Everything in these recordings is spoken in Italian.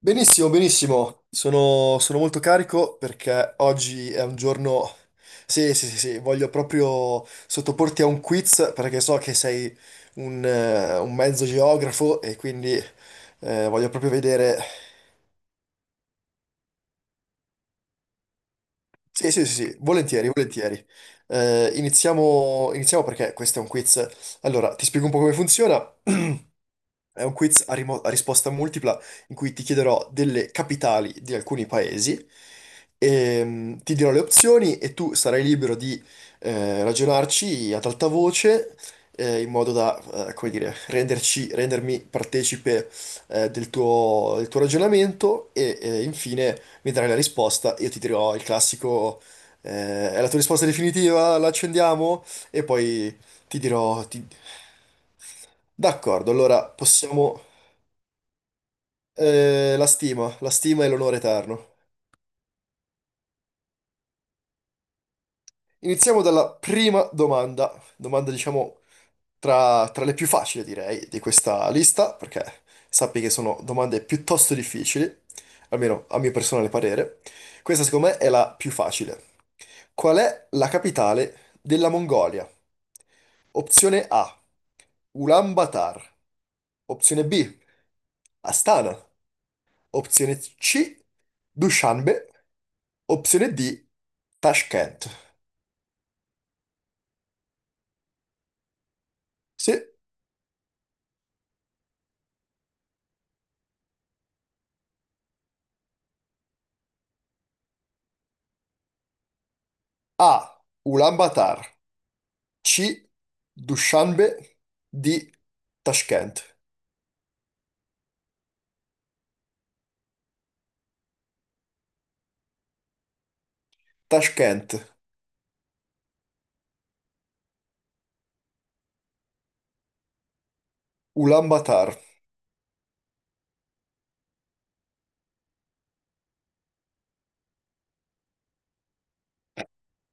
Benissimo, benissimo. Sono, sono molto carico perché oggi è un giorno. Sì, sì, sì, sì, voglio proprio sottoporti a un quiz perché so che sei un mezzo geografo e quindi voglio proprio vedere. Sì, sì, sì, sì, volentieri, volentieri. Iniziamo, iniziamo perché questo è un quiz. Allora, ti spiego un po' come funziona. È un quiz a, a risposta multipla in cui ti chiederò delle capitali di alcuni paesi, ti dirò le opzioni e tu sarai libero di ragionarci ad alta voce in modo da, come dire, rendermi partecipe del tuo ragionamento e infine mi darai la risposta. Io ti dirò il classico, è la tua risposta definitiva, la accendiamo e poi ti dirò... ti- D'accordo, allora possiamo. La stima, la stima e l'onore eterno. Iniziamo dalla prima domanda, domanda diciamo tra le più facili direi di questa lista, perché sappi che sono domande piuttosto difficili, almeno a mio personale parere. Questa secondo me è la più facile. Qual è la capitale della Mongolia? Opzione A, Ulaanbaatar. Opzione B, Astana. Opzione C, Dushanbe. Opzione D, Tashkent. Sì. A, Ulaanbaatar. C, Dushanbe. D, Tashkent. Tashkent, Ulaanbaatar.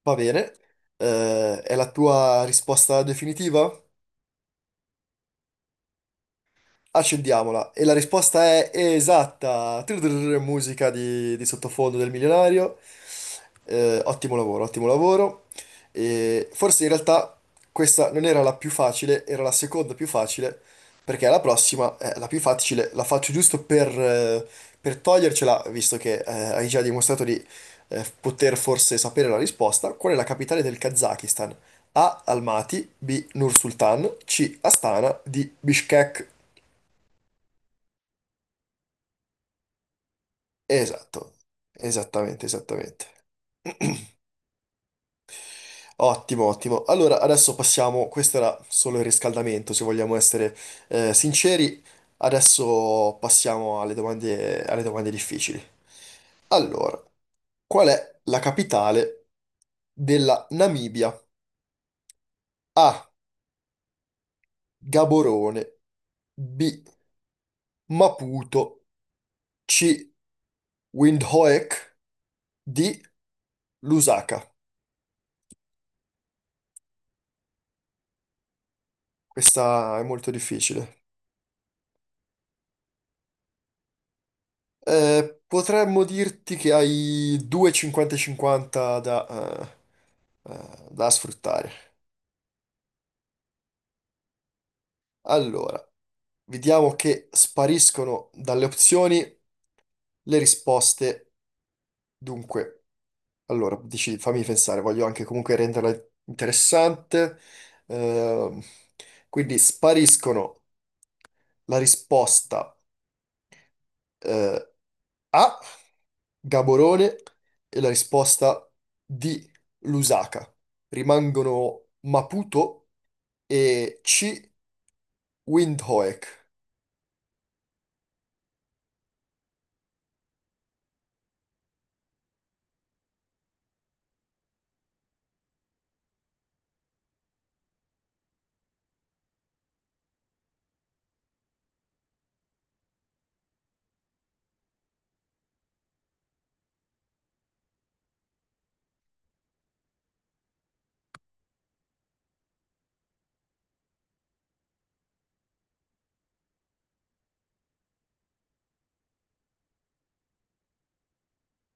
Va bene. È la tua risposta definitiva? Accendiamola. E la risposta è esatta. Trrr, musica di sottofondo del milionario. Ottimo lavoro, ottimo lavoro. E forse in realtà questa non era la più facile, era la seconda più facile, perché la prossima è la più facile, la faccio giusto per togliercela, visto che hai già dimostrato di poter forse sapere la risposta. Qual è la capitale del Kazakistan? A. Almaty, B. Nur-Sultan, C. Astana, D. Bishkek. Esatto, esattamente, esattamente. Ottimo, ottimo. Allora, adesso passiamo, questo era solo il riscaldamento, se vogliamo essere sinceri. Adesso passiamo alle domande difficili. Allora, qual è la capitale della Namibia? A. Gaborone. B. Maputo. C. Windhoek. D. Lusaka. Questa è molto difficile. Potremmo dirti che hai due 50-50 eh, da sfruttare. Allora, vediamo che spariscono dalle opzioni le risposte. Dunque, allora, dici, fammi pensare, voglio anche comunque renderla interessante. Ehm, quindi spariscono la risposta eh, A, Gaborone, e la risposta D, Lusaka. Rimangono Maputo e C. Windhoek.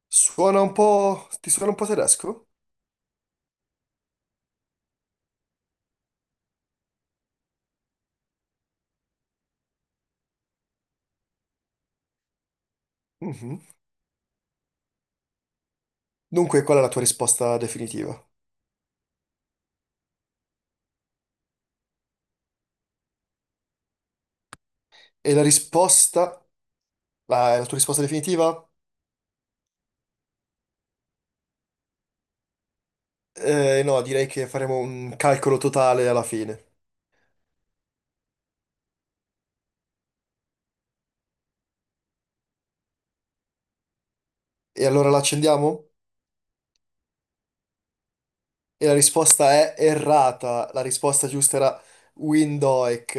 Suona un po'. Ti suona un po' tedesco? Mhm. Dunque, qual è la tua risposta definitiva? E la risposta. Ah, è la tua risposta definitiva? No, direi che faremo un calcolo totale alla fine. E allora la accendiamo? E la risposta è errata. La risposta giusta era Windhoek.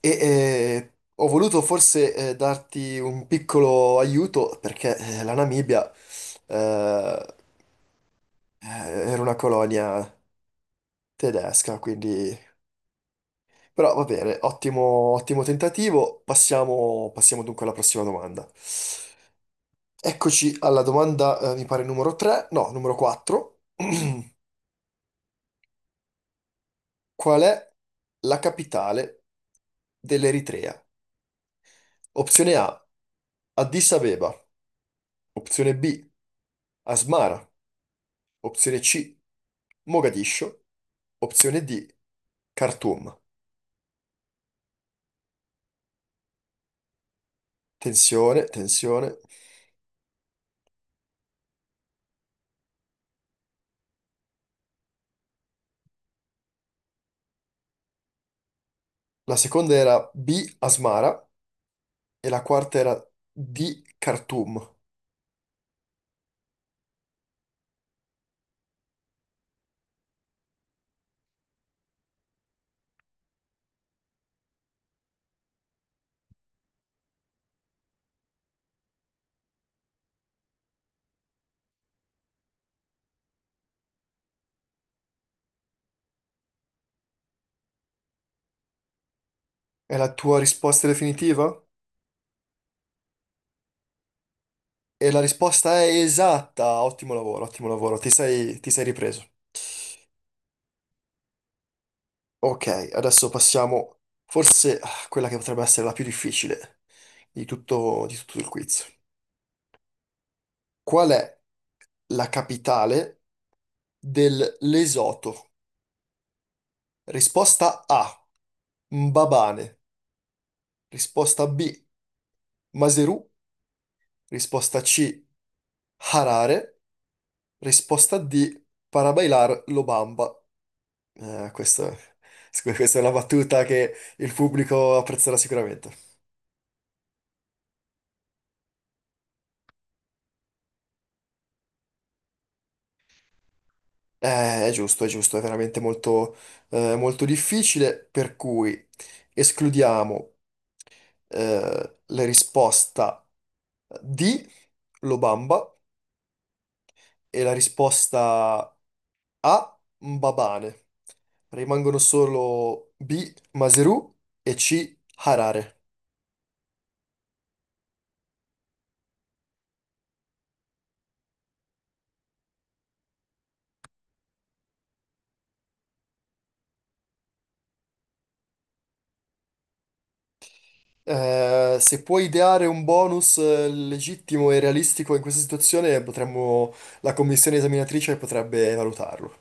E ho voluto forse darti un piccolo aiuto perché la Namibia... eh, Eh, era una colonia tedesca, quindi. Però va bene, ottimo, ottimo tentativo. Passiamo, passiamo dunque alla prossima domanda. Eccoci alla domanda, mi pare numero 3, no, numero 4. Qual è la capitale dell'Eritrea? Opzione A, Addis Abeba. Opzione B, Asmara. Opzione C, Mogadiscio. Opzione D, Khartoum. Tensione, tensione. La seconda era B, Asmara. E la quarta era di Khartoum. È la tua risposta definitiva? E la risposta è esatta. Ottimo lavoro, ottimo lavoro. Ti sei ripreso. Ok, adesso passiamo forse a quella che potrebbe essere la più difficile di tutto il quiz. Qual è la capitale del Lesoto? Risposta A, Mbabane. Risposta B, Maseru. Risposta C, Harare. Risposta D, para bailar lo bamba. Eh, questo- questa è una battuta che il pubblico apprezzerà sicuramente. È giusto, è giusto, è veramente molto, molto difficile, per cui escludiamo la risposta D, lo bamba, e la risposta A, Mbabane. Rimangono solo B, Maseru e C, Harare. Se puoi ideare un bonus legittimo e realistico in questa situazione, la commissione esaminatrice potrebbe valutarlo.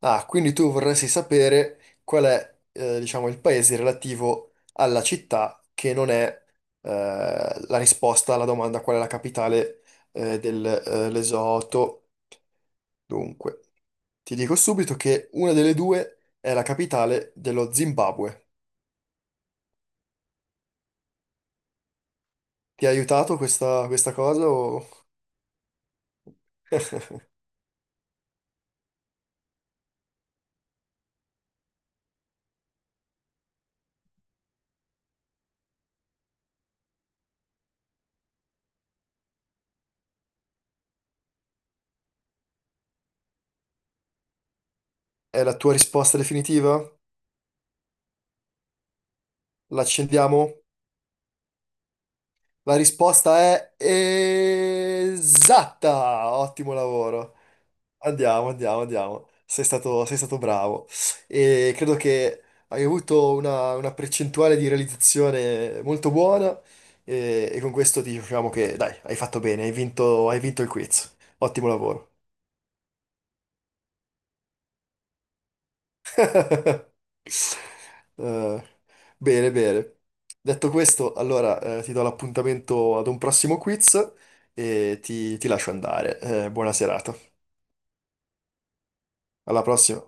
Ah, quindi tu vorresti sapere qual è, diciamo, il paese relativo alla città che non è, la risposta alla domanda qual è la capitale, del, Lesotho. Dunque, ti dico subito che una delle due è la capitale dello Zimbabwe. Ti ha aiutato questa cosa o. È la tua risposta definitiva? L'accendiamo? La risposta è esatta! Ottimo lavoro. Andiamo, andiamo, andiamo. Sei stato bravo. E credo che hai avuto una percentuale di realizzazione molto buona e con questo ti diciamo che, dai, hai fatto bene, hai vinto il quiz. Ottimo lavoro. Eh, bene, bene. Detto questo, allora ti do l'appuntamento ad un prossimo quiz e ti lascio andare. Buona serata. Alla prossima.